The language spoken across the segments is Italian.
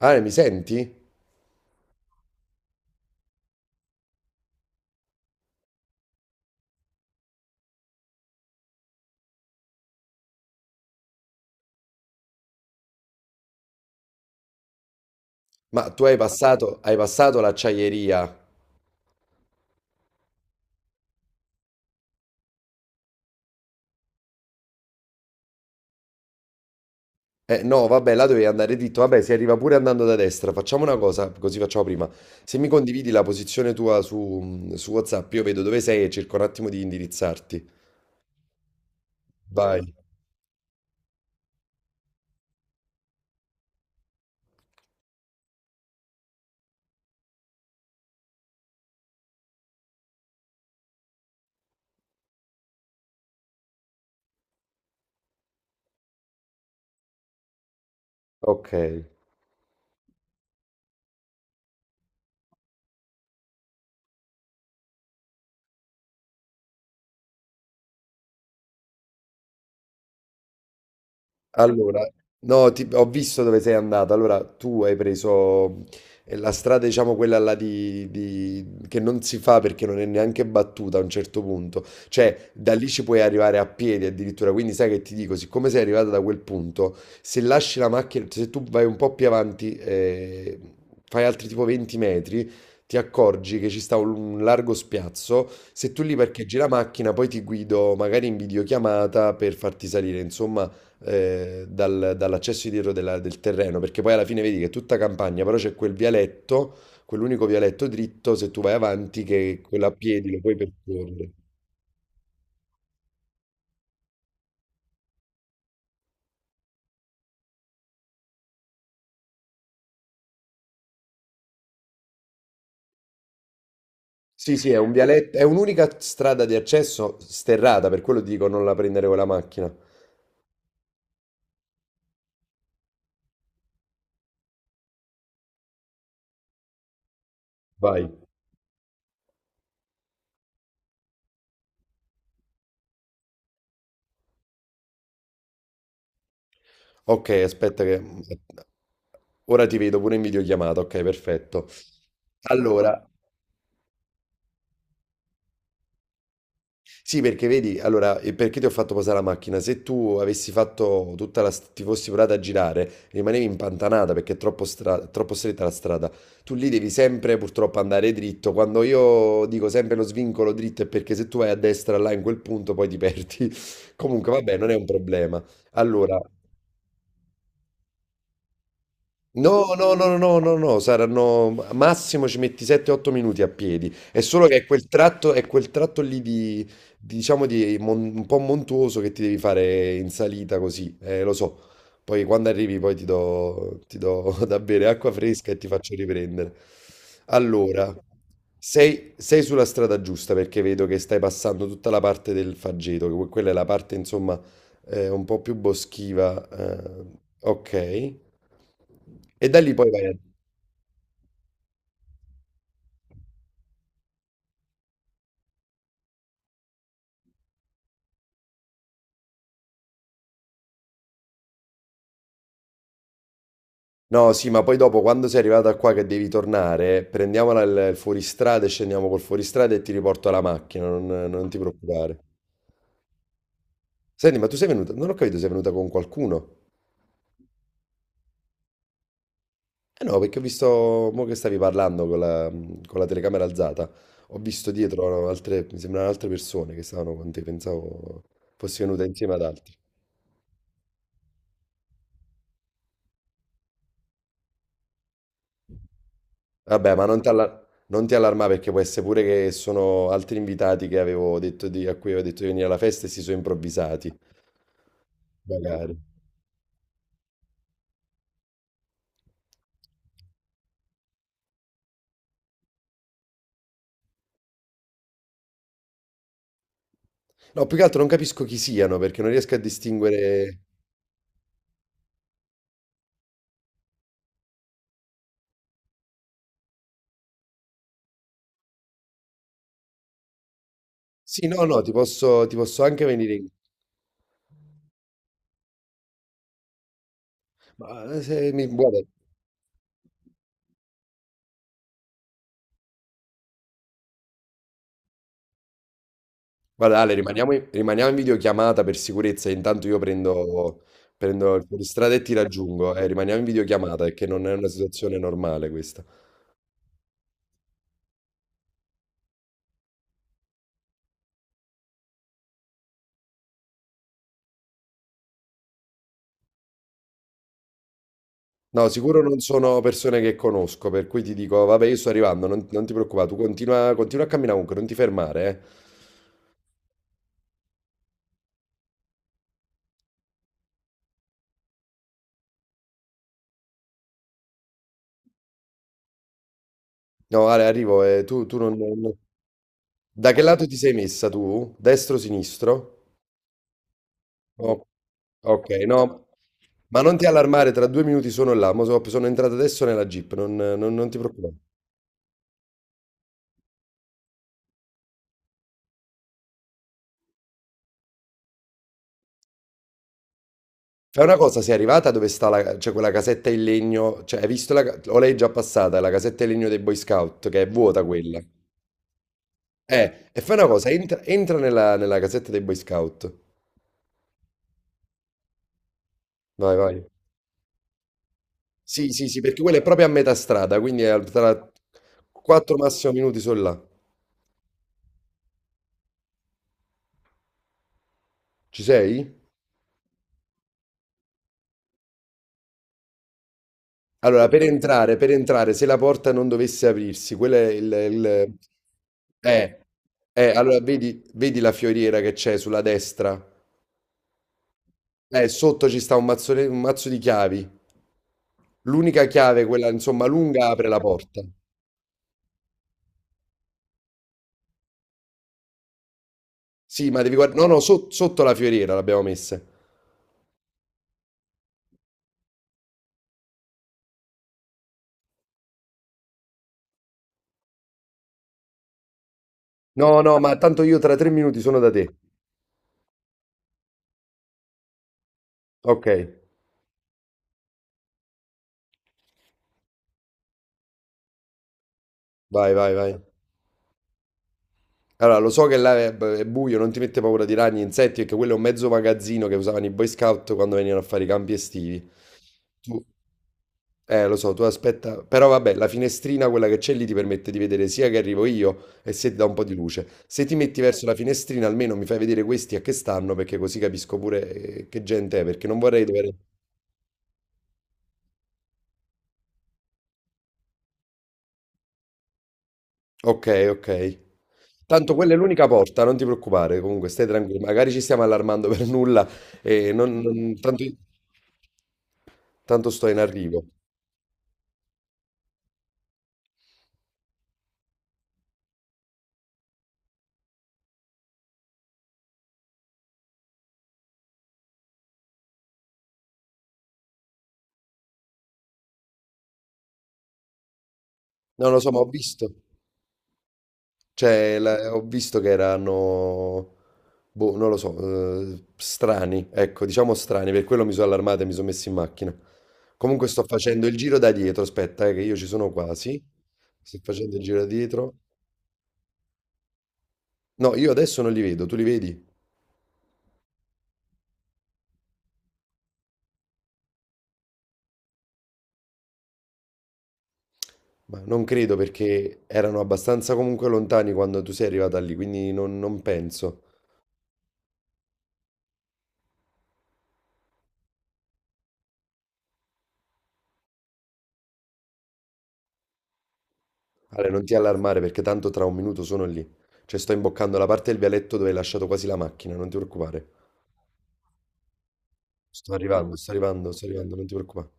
Ale, mi senti? Ma tu hai passato l'acciaieria. Eh no, vabbè, là dovevi andare dritto. Vabbè, si arriva pure andando da destra. Facciamo una cosa, così facciamo prima. Se mi condividi la posizione tua su WhatsApp, io vedo dove sei e cerco un attimo di indirizzarti. Vai. Ok. Allora, no, ho visto dove sei andata. Allora, tu hai preso la strada, diciamo, quella là che non si fa perché non è neanche battuta a un certo punto. Cioè, da lì ci puoi arrivare a piedi addirittura. Quindi sai che ti dico, siccome sei arrivata da quel punto, se lasci la macchina, se tu vai un po' più avanti, fai altri tipo 20 metri, ti accorgi che ci sta un largo spiazzo. Se tu lì parcheggi la macchina, poi ti guido magari in videochiamata per farti salire. Insomma, dall'accesso dietro del terreno, perché poi alla fine vedi che è tutta campagna, però c'è quel vialetto, quell'unico vialetto dritto, se tu vai avanti, che quello a piedi lo puoi percorrere. Sì, sì, è un vialetto, è un'unica strada di accesso sterrata, per quello ti dico non la prendere con la macchina. Vai. Ok, aspetta che... Ora ti vedo pure in videochiamata, ok, perfetto. Allora, sì, perché vedi, allora, e perché ti ho fatto posare la macchina? Se tu avessi fatto tutta la, ti fossi provata a girare, rimanevi impantanata perché è troppo, troppo stretta la strada. Tu lì devi sempre purtroppo andare dritto. Quando io dico sempre lo svincolo dritto è perché se tu vai a destra là in quel punto poi ti perdi. Comunque, vabbè, non è un problema. Allora, no, no, no, no, no, no, no, saranno massimo ci metti 7-8 minuti a piedi. È solo che è quel tratto lì di, diciamo, di un po' montuoso che ti devi fare in salita così, lo so. Poi quando arrivi poi ti do da bere acqua fresca e ti faccio riprendere. Allora, sei sulla strada giusta perché vedo che stai passando tutta la parte del Faggeto, che quella è la parte, insomma, un po' più boschiva, ok. E da lì poi vai. No, sì, ma poi dopo, quando sei arrivata qua che devi tornare, prendiamola il fuoristrada e scendiamo col fuoristrada e ti riporto alla macchina, non ti preoccupare. Senti, ma tu sei venuta, non ho capito, sei venuta con qualcuno? Eh no, perché ho visto, mo che stavi parlando con con la telecamera alzata, ho visto dietro altre, mi sembrano altre persone che stavano con te, pensavo fossi venuta insieme ad altri. Vabbè, ma non ti allarmare perché può essere pure che sono altri invitati che avevo detto di, a cui avevo detto di venire alla festa e si sono improvvisati, magari. No, più che altro non capisco chi siano perché non riesco a distinguere. Sì, no, no, ti posso anche venire in... Ma se mi... Guarda, guarda, Ale, rimaniamo in videochiamata per sicurezza, intanto io prendo, prendo il fuoristrada e ti raggiungo, rimaniamo in videochiamata perché non è una situazione normale questa. No, sicuro non sono persone che conosco, per cui ti dico, vabbè, io sto arrivando, non ti preoccupare, tu continua, continua a camminare comunque, non ti fermare, eh. No, Ale, arrivo, tu non... Da che lato ti sei messa tu? Destro, sinistro? No, ok, no, ma non ti allarmare, tra 2 minuti sono là, mo sono entrato adesso nella Jeep, non, non ti preoccupare. Fai una cosa, sei arrivata dove sta la, cioè quella casetta in legno, cioè hai visto la, o lei è già passata, la casetta in legno dei Boy Scout, che è vuota quella. E fai una cosa, entra, entra nella, nella casetta dei Boy Scout. Vai, vai. Sì, sì, sì, perché quella è proprio a metà strada, quindi è tra 4 massimo minuti sono là. Ci sei? Allora, per entrare, se la porta non dovesse aprirsi, quello è il... Eh, allora vedi, vedi la fioriera che c'è sulla destra? Sotto ci sta un un mazzo di chiavi. L'unica chiave, quella insomma lunga, apre la porta. Sì, ma devi guardare... No, no, sotto la fioriera l'abbiamo messa. No, no, ma tanto io tra 3 minuti sono da te. Ok, vai, vai, vai. Allora, lo so che là è buio, non ti mette paura di ragni, insetti, perché quello è un mezzo magazzino che usavano i Boy Scout quando venivano a fare i campi estivi. Tu, lo so, tu aspetta, però vabbè, la finestrina, quella che c'è lì, ti permette di vedere sia che arrivo io e se ti dà un po' di luce. Se ti metti verso la finestrina, almeno mi fai vedere questi a che stanno, perché così capisco pure che gente è, perché non vorrei dover... Ok, ok. Tanto quella è l'unica porta, non ti preoccupare, comunque stai tranquillo. Magari ci stiamo allarmando per nulla e tanto, tanto sto in arrivo. Non lo so, ma ho visto. Cioè, ho visto che erano, boh, non lo so, strani, ecco, diciamo strani, per quello mi sono allarmato e mi sono messo in macchina. Comunque sto facendo il giro da dietro, aspetta, che io ci sono quasi. Sto facendo il giro da dietro. No, io adesso non li vedo, tu li vedi? Ma non credo perché erano abbastanza comunque lontani quando tu sei arrivata lì, quindi non penso. Ale, non ti allarmare perché tanto tra 1 minuto sono lì. Cioè sto imboccando la parte del vialetto dove hai lasciato quasi la macchina, non ti preoccupare. Sto arrivando, sto arrivando, sto arrivando, non ti preoccupare.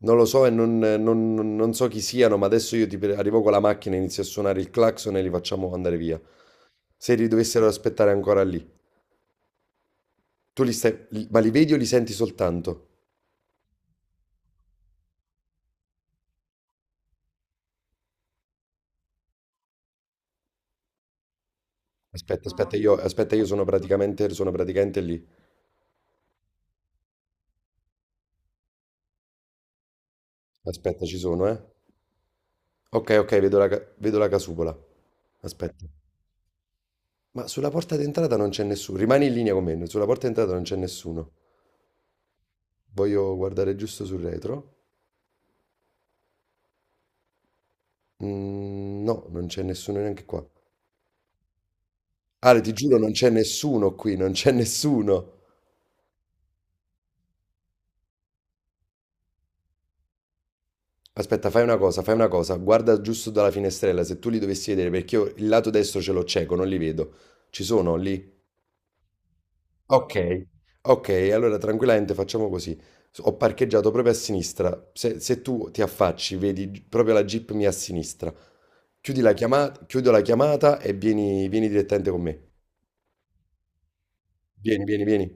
Non lo so e non so chi siano, ma adesso io arrivo con la macchina, inizio a suonare il clacson e li facciamo andare via. Se li dovessero aspettare ancora lì. Tu li stai, li- Ma li vedi o li senti soltanto? Aspetta, aspetta, io sono praticamente lì. Aspetta, ci sono, eh. Ok, ok, vedo la, vedo la casupola. Aspetta. Ma sulla porta d'entrata non c'è nessuno. Rimani in linea con me, sulla porta d'entrata non c'è nessuno. Voglio guardare giusto sul retro. Mm, no, non c'è nessuno neanche qua. Ale, ti giuro, non c'è nessuno qui, non c'è nessuno. Aspetta, fai una cosa, fai una cosa. Guarda giusto dalla finestrella, se tu li dovessi vedere, perché io il lato destro ce l'ho cieco, non li vedo. Ci sono lì ok, ok, allora tranquillamente facciamo così. Ho parcheggiato proprio a sinistra. Se, se tu ti affacci, vedi proprio la Jeep mia a sinistra. Chiudi la chiamata, chiudo la chiamata e vieni, vieni direttamente con me. Vieni, vieni, vieni.